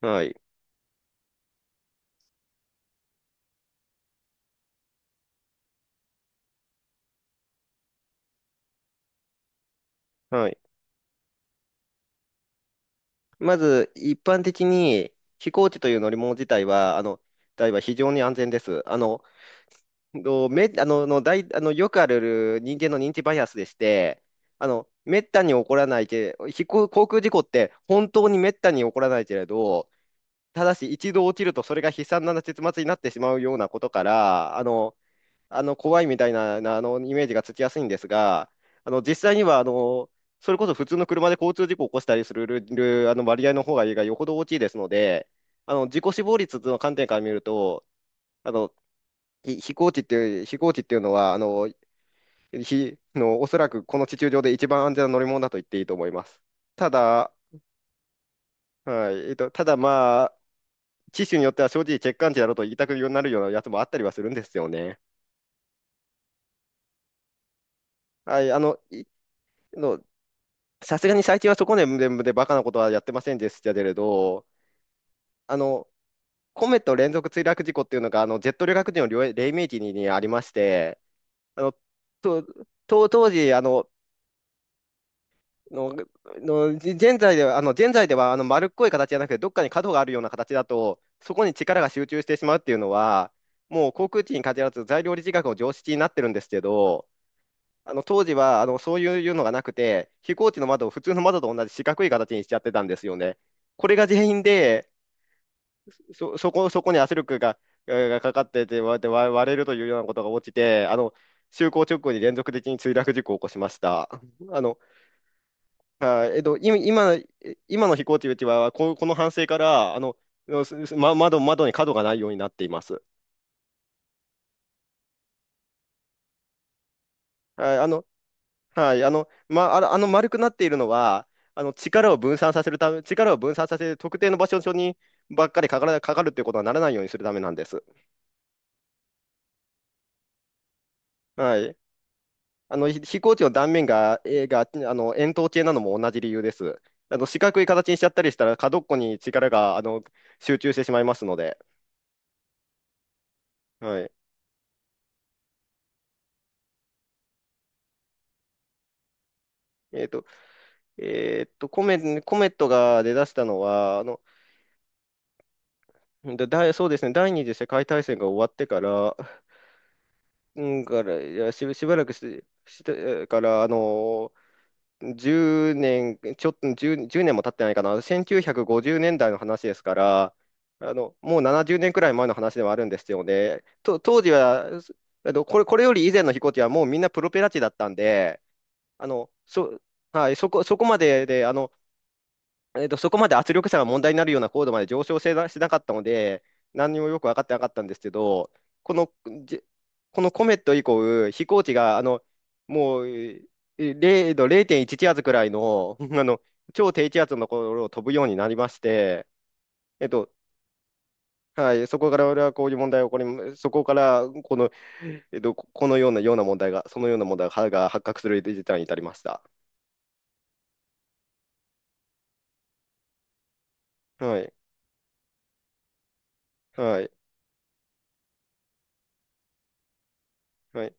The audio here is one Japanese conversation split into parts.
はい。はい。まず、一般的に飛行機という乗り物自体は、台は非常に安全です。あの、どうめ、あの、の大あの、よくある人間の認知バイアスでして、あの、めったに起こらないけ、飛行、航空事故って本当にめったに起こらないけれど、ただし一度起きるとそれが悲惨な結末になってしまうようなことから、怖いみたいな、イメージがつきやすいんですが、実際にはそれこそ普通の車で交通事故を起こしたりする割合の方がよほど大きいですので、自己死亡率の観点から見ると、あの飛行機っていうのはあのひの、おそらくこの地球上で一番安全な乗り物だと言っていいと思います。ただ、はい、ただ、まあ、機種によっては正直、欠陥値だろうと言いたくなるようなやつもあったりはするんですよね。はい、のさすがに最近はそこで全部でバカなことはやってませんでしたけれど、あの、コメット連続墜落事故っていうのが、ジェット旅客機の黎明期にありまして、あの、と、と当時、あの、の、の、じ現在では、丸っこい形じゃなくて、どっかに角があるような形だと、そこに力が集中してしまうっていうのは、もう航空機に限らず材料力学の常識になってるんですけど、当時はそういうのがなくて、飛行機の窓を普通の窓と同じ四角い形にしちゃってたんですよね。これが原因で、そこに圧力が、かかってて割れるというようなことが起きて、就航直後に連続的に墜落事故を起こしました。あの、あえっと、今、今今の飛行機うちはこ、この反省からあの、すすま、窓、窓に角がないようになっています。あ、あのはい、あの、ま、あの、あの丸くなっているのは、力を分散させるため、力を分散させて特定の場所にばっかりかかるっていうことはならないようにするためなんです。はい。飛行機の断面が、円筒形なのも同じ理由です。四角い形にしちゃったりしたら、角っこに力が、集中してしまいますので。はい。えっと、コメットが出だしたのは、あの、だ、だいそうですね、第二次世界大戦が終わってから、いや、し、しばらくし、してから、10年、ちょっと10年も経ってないかな、1950年代の話ですから、もう70年くらい前の話ではあるんですよね。と、当時は、すあの、これ、これより以前の飛行機はもうみんなプロペラ機だったんで、あの、そ、はい、そこまでで、そこまで圧力差が問題になるような高度まで上昇せなしなかったので、何にもよく分かってなかったんですけど、この、じこのコメット以降、飛行機がもう0度、0.1気圧くらいの、超低気圧のところを飛ぶようになりまして、えっとはい、そこから俺はこういう問題が起こり、そこからこの、えっと、このような、ような問題が、そのような問題が発覚する事態に至りました。はい、はい、はい。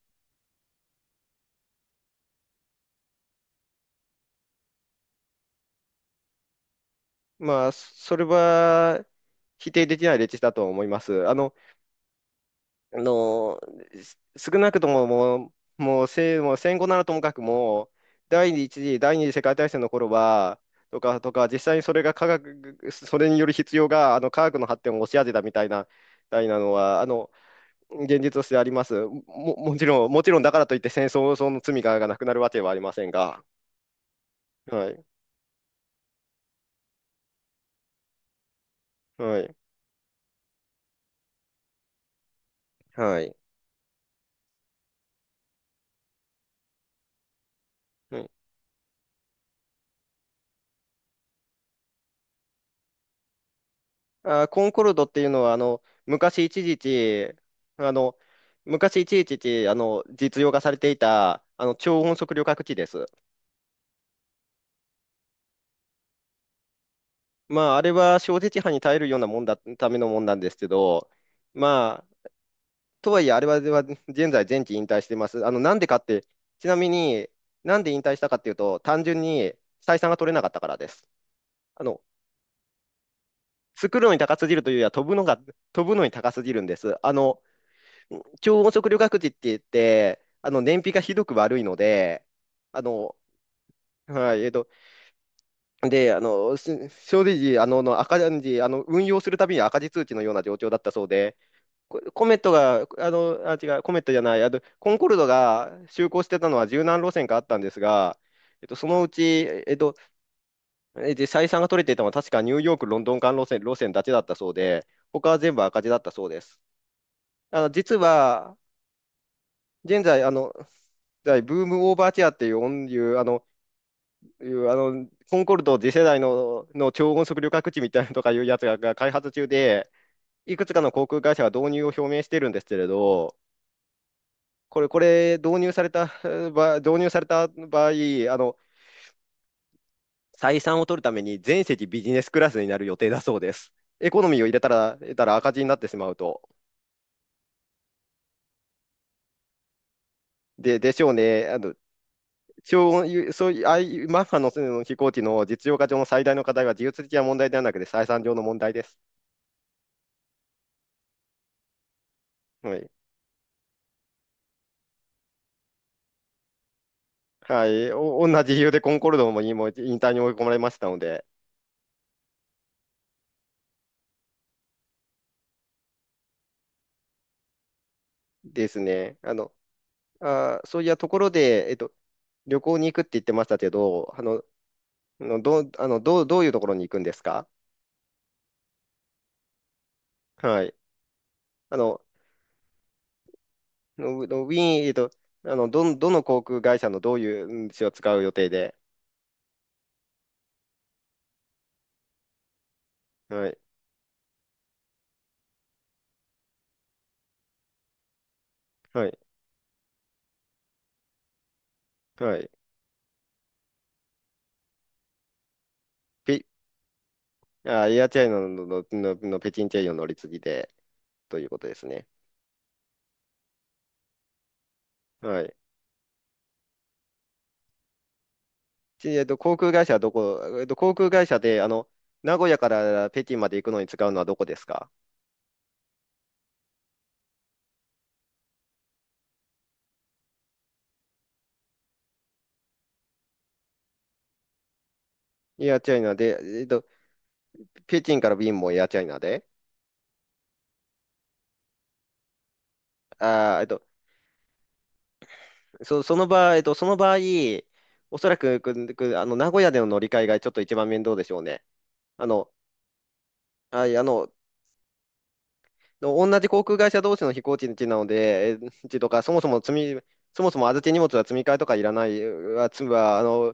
まあ、それは否定できない歴史だと思います。あの、す少なくとももう、もう、せ、もう戦後ならともかくも、第一次、第二次世界大戦の頃は、とか、とか、実際にそれが科学、それによる必要が、科学の発展を押し当てたみたいな、のは、現実としてあります。もちろんだからといって戦争の罪がなくなるわけはありませんが、はい、はい、はい。コンコルドっていうのは、あの、昔一時期、実用化されていた、超音速旅客機です。まあ、あれは小説波に耐えるようなもんだ、ためのもんなんですけど、まあ、とはいえ、あれは、は現在、前期引退してます。なんでかって、ちなみに、なんで引退したかっていうと、単純に採算が取れなかったからです。あの、作るのに高すぎるというよりは、飛ぶのに高すぎるんです。超音速旅客機って言って、燃費がひどく悪いので、あの、はい、で、正直、あの、の赤字、あの、運用するたびに赤字通知のような状況だったそうで、コメットが、あ、違う、コメットじゃない、コンコルドが就航してたのは十何路線かあったんですが、そのうち、えっと、採算が取れていたのは確かニューヨーク、ロンドン間路線だけだったそうで、他は全部赤字だったそうです。実は、現在、ブームオーバーチェアっていう音、いう、あの、いう、あの、コンコルド次世代の超音速旅客機みたいなのとかいうやつが開発中で、いくつかの航空会社は導入を表明してるんですけれど、これ、これ、導入された場合、の、採算を取るために全席ビジネスクラスになる予定だそうです。エコノミーを入れたら、入れたら赤字になってしまうと。でしょうね。そういう、ああいうマッハのその飛行機の実用化上の最大の課題は技術的な問題ではなくて採算上の問題です。はい。はい。同じ理由でコンコルドも今も引退に追い込まれましたので、ですね。そういやところで、旅行に行くって言ってましたけど、あの、あのどう、あの、どう、どういうところに行くんですか？はい。あの、ウィーン、どの航空会社のどういう使う予定で、はい。はい。はい。ピあ、エアチャイナの北京チェイヨン乗り継ぎで、ということですね。はい。ちえっと、航空会社はどこ、えっと、航空会社で、名古屋から北京まで行くのに使うのはどこですか？エアチャイナで、北京から便もエアチャイナで、あー、えっと、その場合、おそらく、名古屋での乗り換えがちょっと一番面倒でしょうね。あの、はい、同じ航空会社同士の飛行地なので、え地とか、そもそも預け荷物は積み替えとかいらない、は、つは、あの、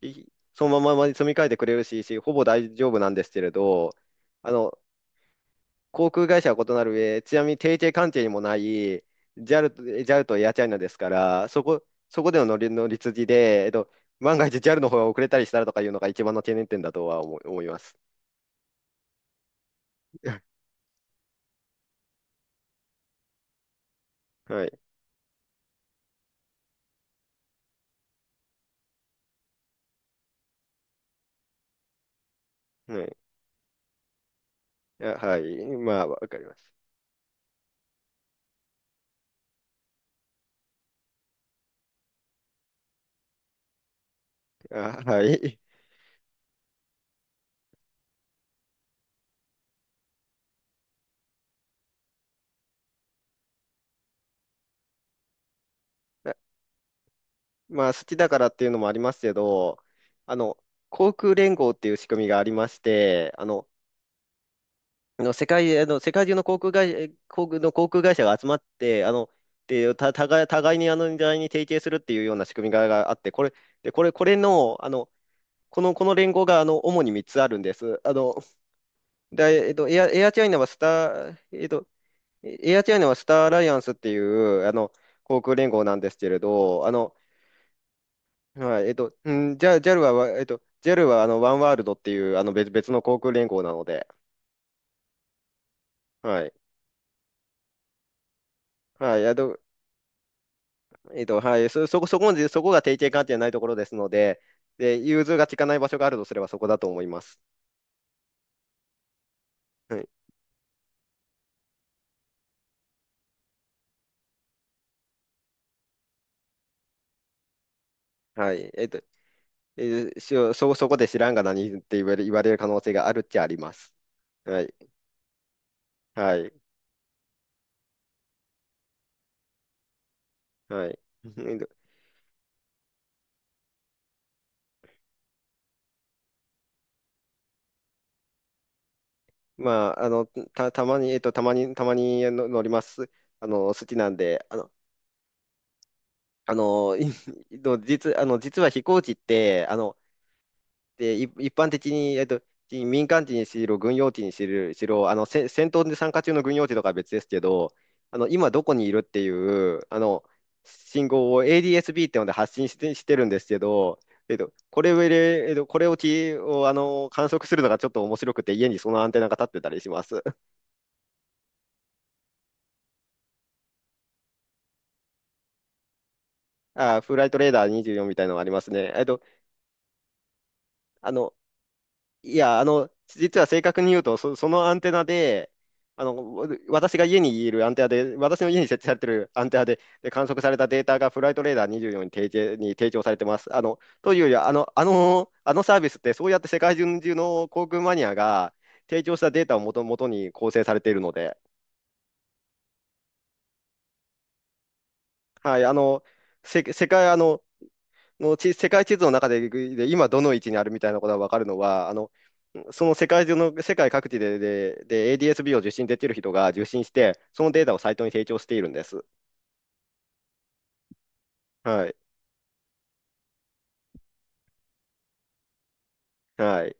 いそのまま積み替えてくれるし、ほぼ大丈夫なんですけれど、あの、航空会社は異なる上、ちなみに提携関係にもない JAL と、j a とエアチャイナですから、そこでの乗り継ぎで、万が一 JAL の方が遅れたりしたらとかいうのが一番の懸念点だとは思います。はい。はい。あ、はい。まあ、わかります。あ、はい。えまあ、好きだからっていうのもありますけど、あの、航空連合っていう仕組みがありまして、あの、あの世界、あの世界中の航空会社、航空会社が集まって、あの、で、た、互い、互いにあの、互いに提携するっていうような仕組みがあって、これの、この連合が、主に3つあるんです。あの、で、えっと、エア、エアチャイナはスター、えっと、エアチャイナはスターアライアンスっていう、航空連合なんですけれど、はい、じゃジ j ルは、わえっと、ジ a ルはワンワールドっていう別の航空連合なので、はい、はい、あと、はい、そこが提携関係ないところですので、で、融通が利かない場所があるとすればそこだと思います。はい、はい、えっと、えーしそこで知らんが何って言われる可能性があるっちゃあります。はい、はい、はい。えっと、まあ、たまに、たまにの乗ります。好きなんで、あの、い の実、あの、実は飛行機って、で、一般的に、民間機にしろ、軍用機にしろ、しろあの、せ戦闘で参加中の軍用機とかは別ですけど、今どこにいるっていう、信号を ADS-B ってので発信してるんですけど、えっと、これをこれをき、を、あの、観測するのがちょっと面白くて、家にそのアンテナが立ってたりします。あ、フライトレーダー24みたいなのがありますね。あの、いや、実は正確に言うと、そのアンテナで、あの、わ私が家にいるアンテナで、私の家に設置されてるアンテナで、で観測されたデータがフライトレーダー24に提示、に提供されてます。というよりは、あのサービスって、そうやって世界中の航空マニアが提供したデータをもとに構成されているので、はい、あの、せ、世界、あの、の地世界地図の中で、で今どの位置にあるみたいなことが分かるのは、世界各地で、ADSB を受信できる人が受信して、そのデータをサイトに提供しているんです。はい。はい。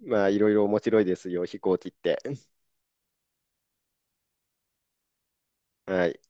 まあ、いろいろ面白いですよ、飛行機って。はい。